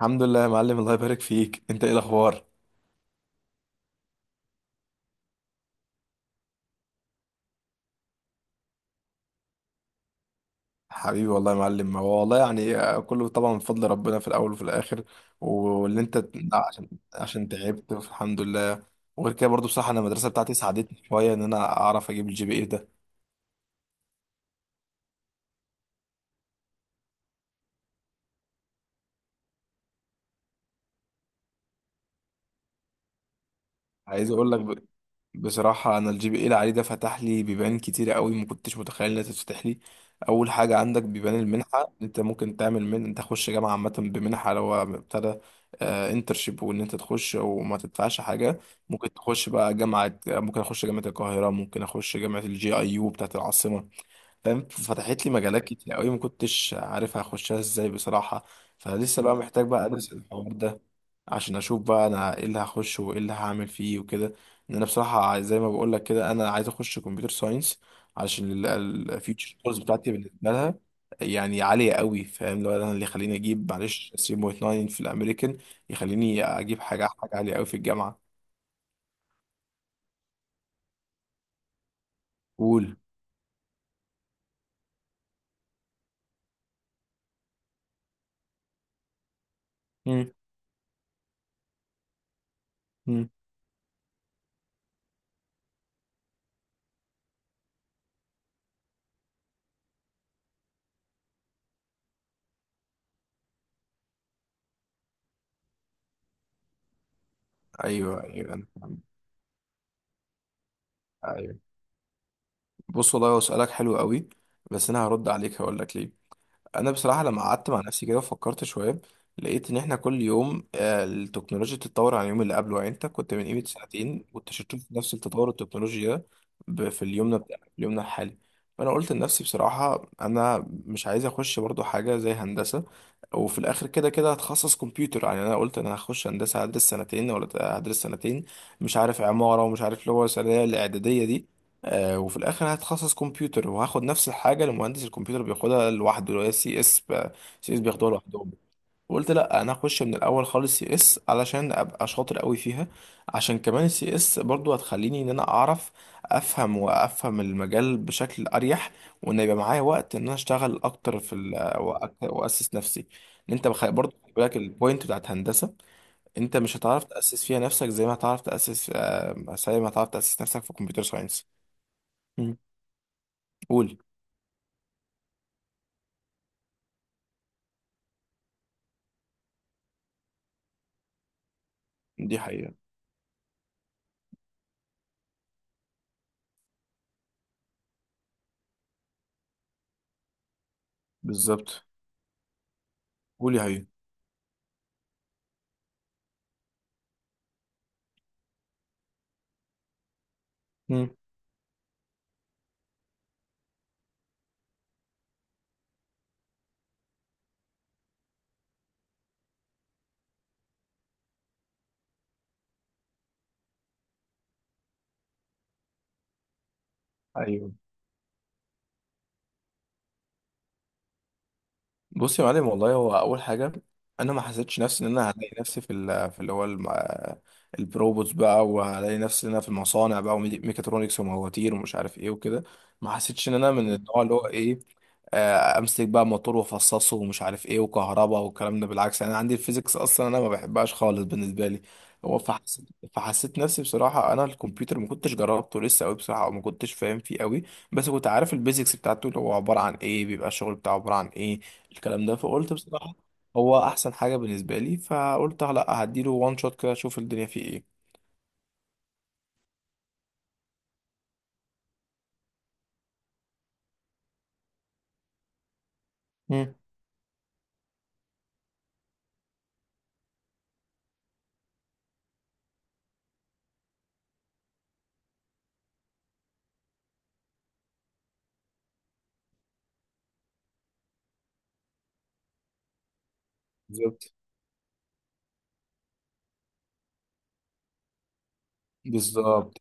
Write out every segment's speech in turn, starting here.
الحمد لله يا معلم. الله يبارك فيك. انت ايه الاخبار؟ حبيبي والله يا معلم. هو والله يعني كله طبعا من فضل ربنا في الاول وفي الاخر. واللي انت عشان عشان تعبت. الحمد لله. وغير كده برضو بصراحه انا المدرسه بتاعتي ساعدتني شويه ان انا اعرف اجيب الجي بي اي ده. عايز اقول لك، بصراحة أنا الجي بي إيه اللي عليه ده فتح لي بيبان كتير قوي ما كنتش متخيل إنها تتفتح لي. أول حاجة عندك بيبان المنحة، أنت ممكن تعمل من أنت تخش جامعة عامة بمنحة لو ابتدى انترشيب وإن أنت تخش وما تدفعش حاجة. ممكن تخش بقى جامعة، ممكن أخش جامعة القاهرة، ممكن أخش جامعة الجي أي يو بتاعة العاصمة. فاهم، فتحت لي مجالات كتير قوي ما كنتش عارف هخشها ازاي بصراحة. فلسه بقى محتاج بقى ادرس الحوار ده عشان اشوف بقى انا ايه اللي هخش وايه اللي هعمل فيه وكده. ان انا بصراحة زي ما بقول لك كده انا عايز اخش كمبيوتر ساينس علشان الفيوتشر كورس بتاعتي بالنسبة لها يعني عالية قوي. فاهم، لو انا اللي يخليني اجيب معلش 3.9 في الامريكان يخليني اجيب حاجة حاجة عالية قوي في الجامعة. قول. مم. مم. ايوه ايوه، أنا فاهم. أيوه. بص، والله هو سؤالك حلو قوي. بس انا هرد عليك هقول لك ليه. انا بصراحه لما قعدت مع نفسي كده وفكرت شويه لقيت ان احنا كل يوم التكنولوجيا بتتطور عن اليوم اللي قبله. يعني انت كنت من قيمه سنتين كنت شفت نفس التطور التكنولوجي ده في اليومنا بتاع في يومنا الحالي. فانا قلت لنفسي بصراحه انا مش عايز اخش برضو حاجه زي هندسه، وفي الاخر كده كده هتخصص كمبيوتر. يعني انا قلت انا هخش هندسه هدرس سنتين ولا هدرس سنتين مش عارف عماره ومش عارف اللي هو الثانويه الاعداديه دي وفي الاخر هتخصص كمبيوتر وهاخد نفس الحاجه اللي مهندس الكمبيوتر بياخدها لوحده اللي هي سي اس. سي اس بياخدوها لوحدهم، وقلت لا انا هخش من الاول خالص سي اس علشان ابقى شاطر قوي فيها. عشان كمان السي اس برضو هتخليني ان انا اعرف افهم المجال بشكل اريح، وان يبقى معايا وقت ان انا اشتغل اكتر واسس نفسي. ان انت برضو خلي بالك البوينت بتاعت هندسه. انت مش هتعرف تاسس فيها نفسك زي ما هتعرف تاسس نفسك في كمبيوتر ساينس. قولي. دي حقيقة. بالظبط. قولي هي. مم. ايوه. بصي يا معلم، والله هو اول حاجه انا ما حسيتش نفسي ان انا هلاقي نفسي في اللي هو البروبوتس بقى وهلاقي نفسي ان انا في المصانع بقى وميكاترونكس ومواتير ومش عارف ايه وكده. ما حسيتش ان انا من النوع اللي هو ايه امسك بقى موتور وافصصه ومش عارف ايه وكهرباء والكلام ده. بالعكس انا عندي الفيزيكس اصلا انا ما بحبهاش خالص بالنسبه لي. هو فحسيت نفسي بصراحه انا الكمبيوتر ما كنتش جربته لسه قوي بصراحه او ما كنتش فاهم فيه قوي، بس كنت عارف البيزكس بتاعته اللي هو عباره عن ايه، بيبقى الشغل بتاعه عباره عن ايه الكلام ده. فقلت بصراحه هو احسن حاجه بالنسبه لي، فقلت لا هديله وان شوت كده اشوف الدنيا فيه ايه. مم. بالظبط. بالظبط.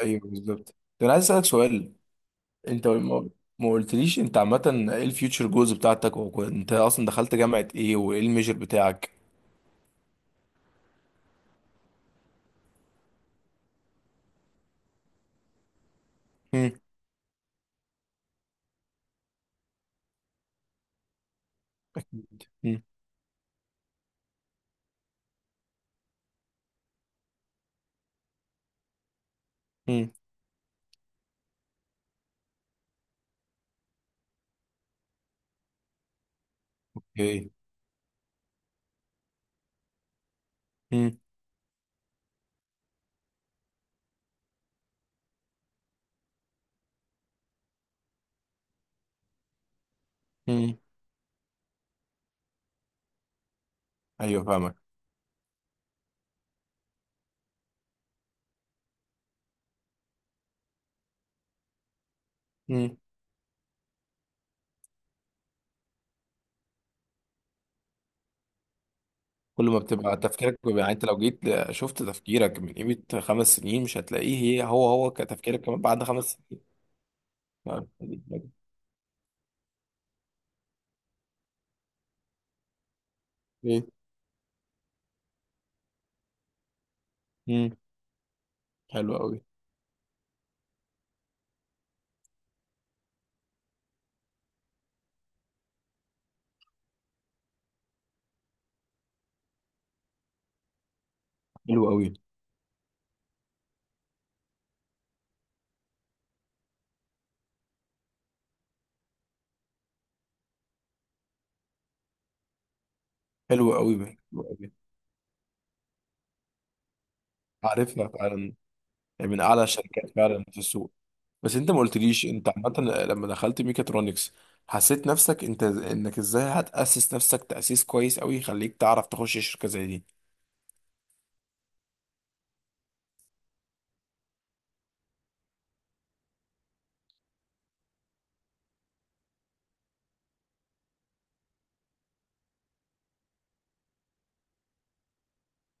ايوه بالظبط. ده انا عايز اسالك سؤال. انت ما قلتليش انت عامة ايه الفيوتشر جولز بتاعتك وانت اصلا دخلت جامعة ايه وايه الميجر بتاعك؟ مم. اكيد. مم. مم. ايه. مم. مم. ايوه فاهمك. مم. كل ما بتبقى تفكيرك بيبقى- يعني انت لو جيت شفت تفكيرك من قيمة 5 سنين مش هتلاقيه هي هو هو كتفكيرك كمان بعد 5 سنين. فاهم؟ ايه. مم. حلو قوي. حلو قوي. حلو قوي. حلو قوي. عارفها فعلا، من اعلى الشركات فعلا في السوق. بس انت ما قلتليش انت عامه لما دخلت ميكاترونكس حسيت نفسك انت انك ازاي هتأسس نفسك تأسيس كويس قوي يخليك تعرف تخش شركة زي دي.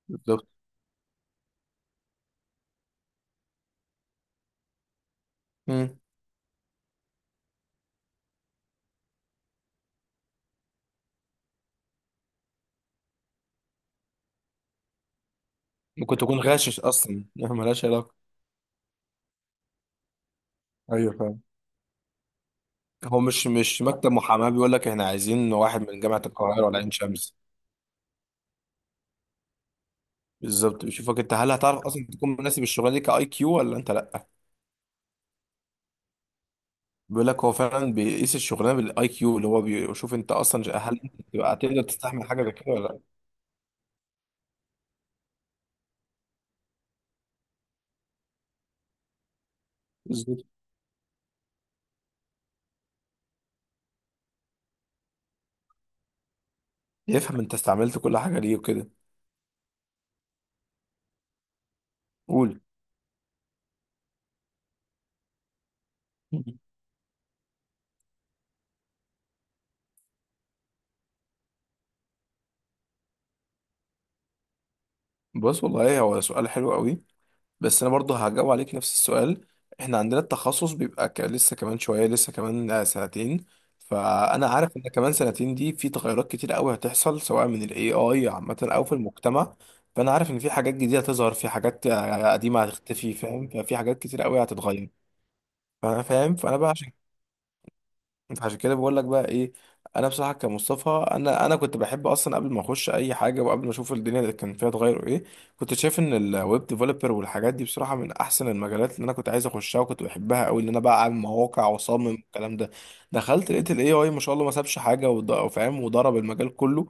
بالظبط. مم. ممكن تكون غاشش اصلا ملهاش علاقة. ايوه فاهم. هو مش مكتب محاماة بيقول لك احنا عايزين واحد من جامعة القاهرة ولا عين شمس. بالظبط، بيشوفك انت هل هتعرف اصلا تكون مناسب الشغلانة دي كاي كيو ولا انت لا. بيقول لك هو فعلا بيقيس الشغلانة بالاي كيو اللي هو بيشوف انت اصلا هل انت هتبقى هتقدر تستحمل حاجة زي كده ولا لا. بالظبط. يفهم انت استعملت كل حاجه ليه وكده. قول. بص، والله هو سؤال حلو قوي. بس انا برضه هجاوب عليك نفس السؤال. احنا عندنا التخصص بيبقى لسه كمان شويه لسه كمان سنتين. فانا عارف ان كمان سنتين دي في تغيرات كتير قوي هتحصل سواء من الاي اي عامه او في المجتمع. فانا عارف ان في حاجات جديده هتظهر في حاجات قديمه هتختفي. فاهم، ففي حاجات كتير قوي هتتغير. فانا فاهم. فانا بقى فعشان كده بقول لك بقى ايه. انا بصراحه كمصطفى انا كنت بحب اصلا قبل ما اخش اي حاجه وقبل ما اشوف الدنيا اللي كان فيها اتغير ايه. كنت شايف ان الويب ديفلوبر والحاجات دي بصراحه من احسن المجالات اللي انا كنت عايز اخشها وكنت بحبها قوي ان انا بقى اعمل مواقع واصمم الكلام ده. دخلت لقيت الاي اي، ما شاء الله، ما سابش حاجه وفاهم وضرب المجال كله.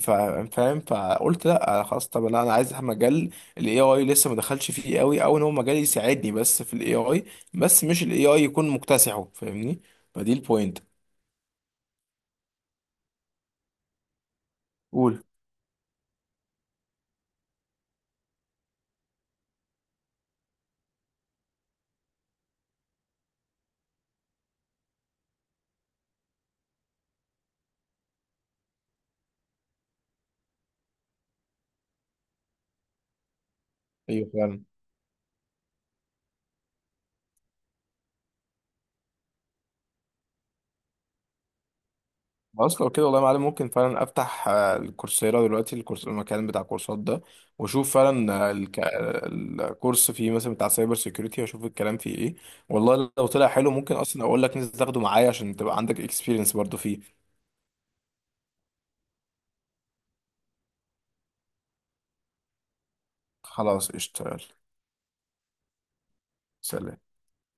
فاهم، فقلت لا خلاص، طب لا انا عايز مجال الاي اي لسه ما دخلش فيه قوي، او ان هو مجال يساعدني بس في الاي اي بس مش الاي اي يكون مكتسحه. فاهمني، فدي البوينت. قول. ايوه فعلا. خلاص، لو كده والله يا معلم ممكن فعلا افتح الكورسيرا دلوقتي المكان بتاع الكورسات ده. واشوف فعلا الكورس فيه مثلا بتاع سايبر سيكيورتي، واشوف الكلام فيه ايه. والله لو طلع حلو ممكن اصلا اقول لك نزل تاخده معايا عشان تبقى عندك اكسبيرينس برضه فيه. خلاص اشتغل. سلام.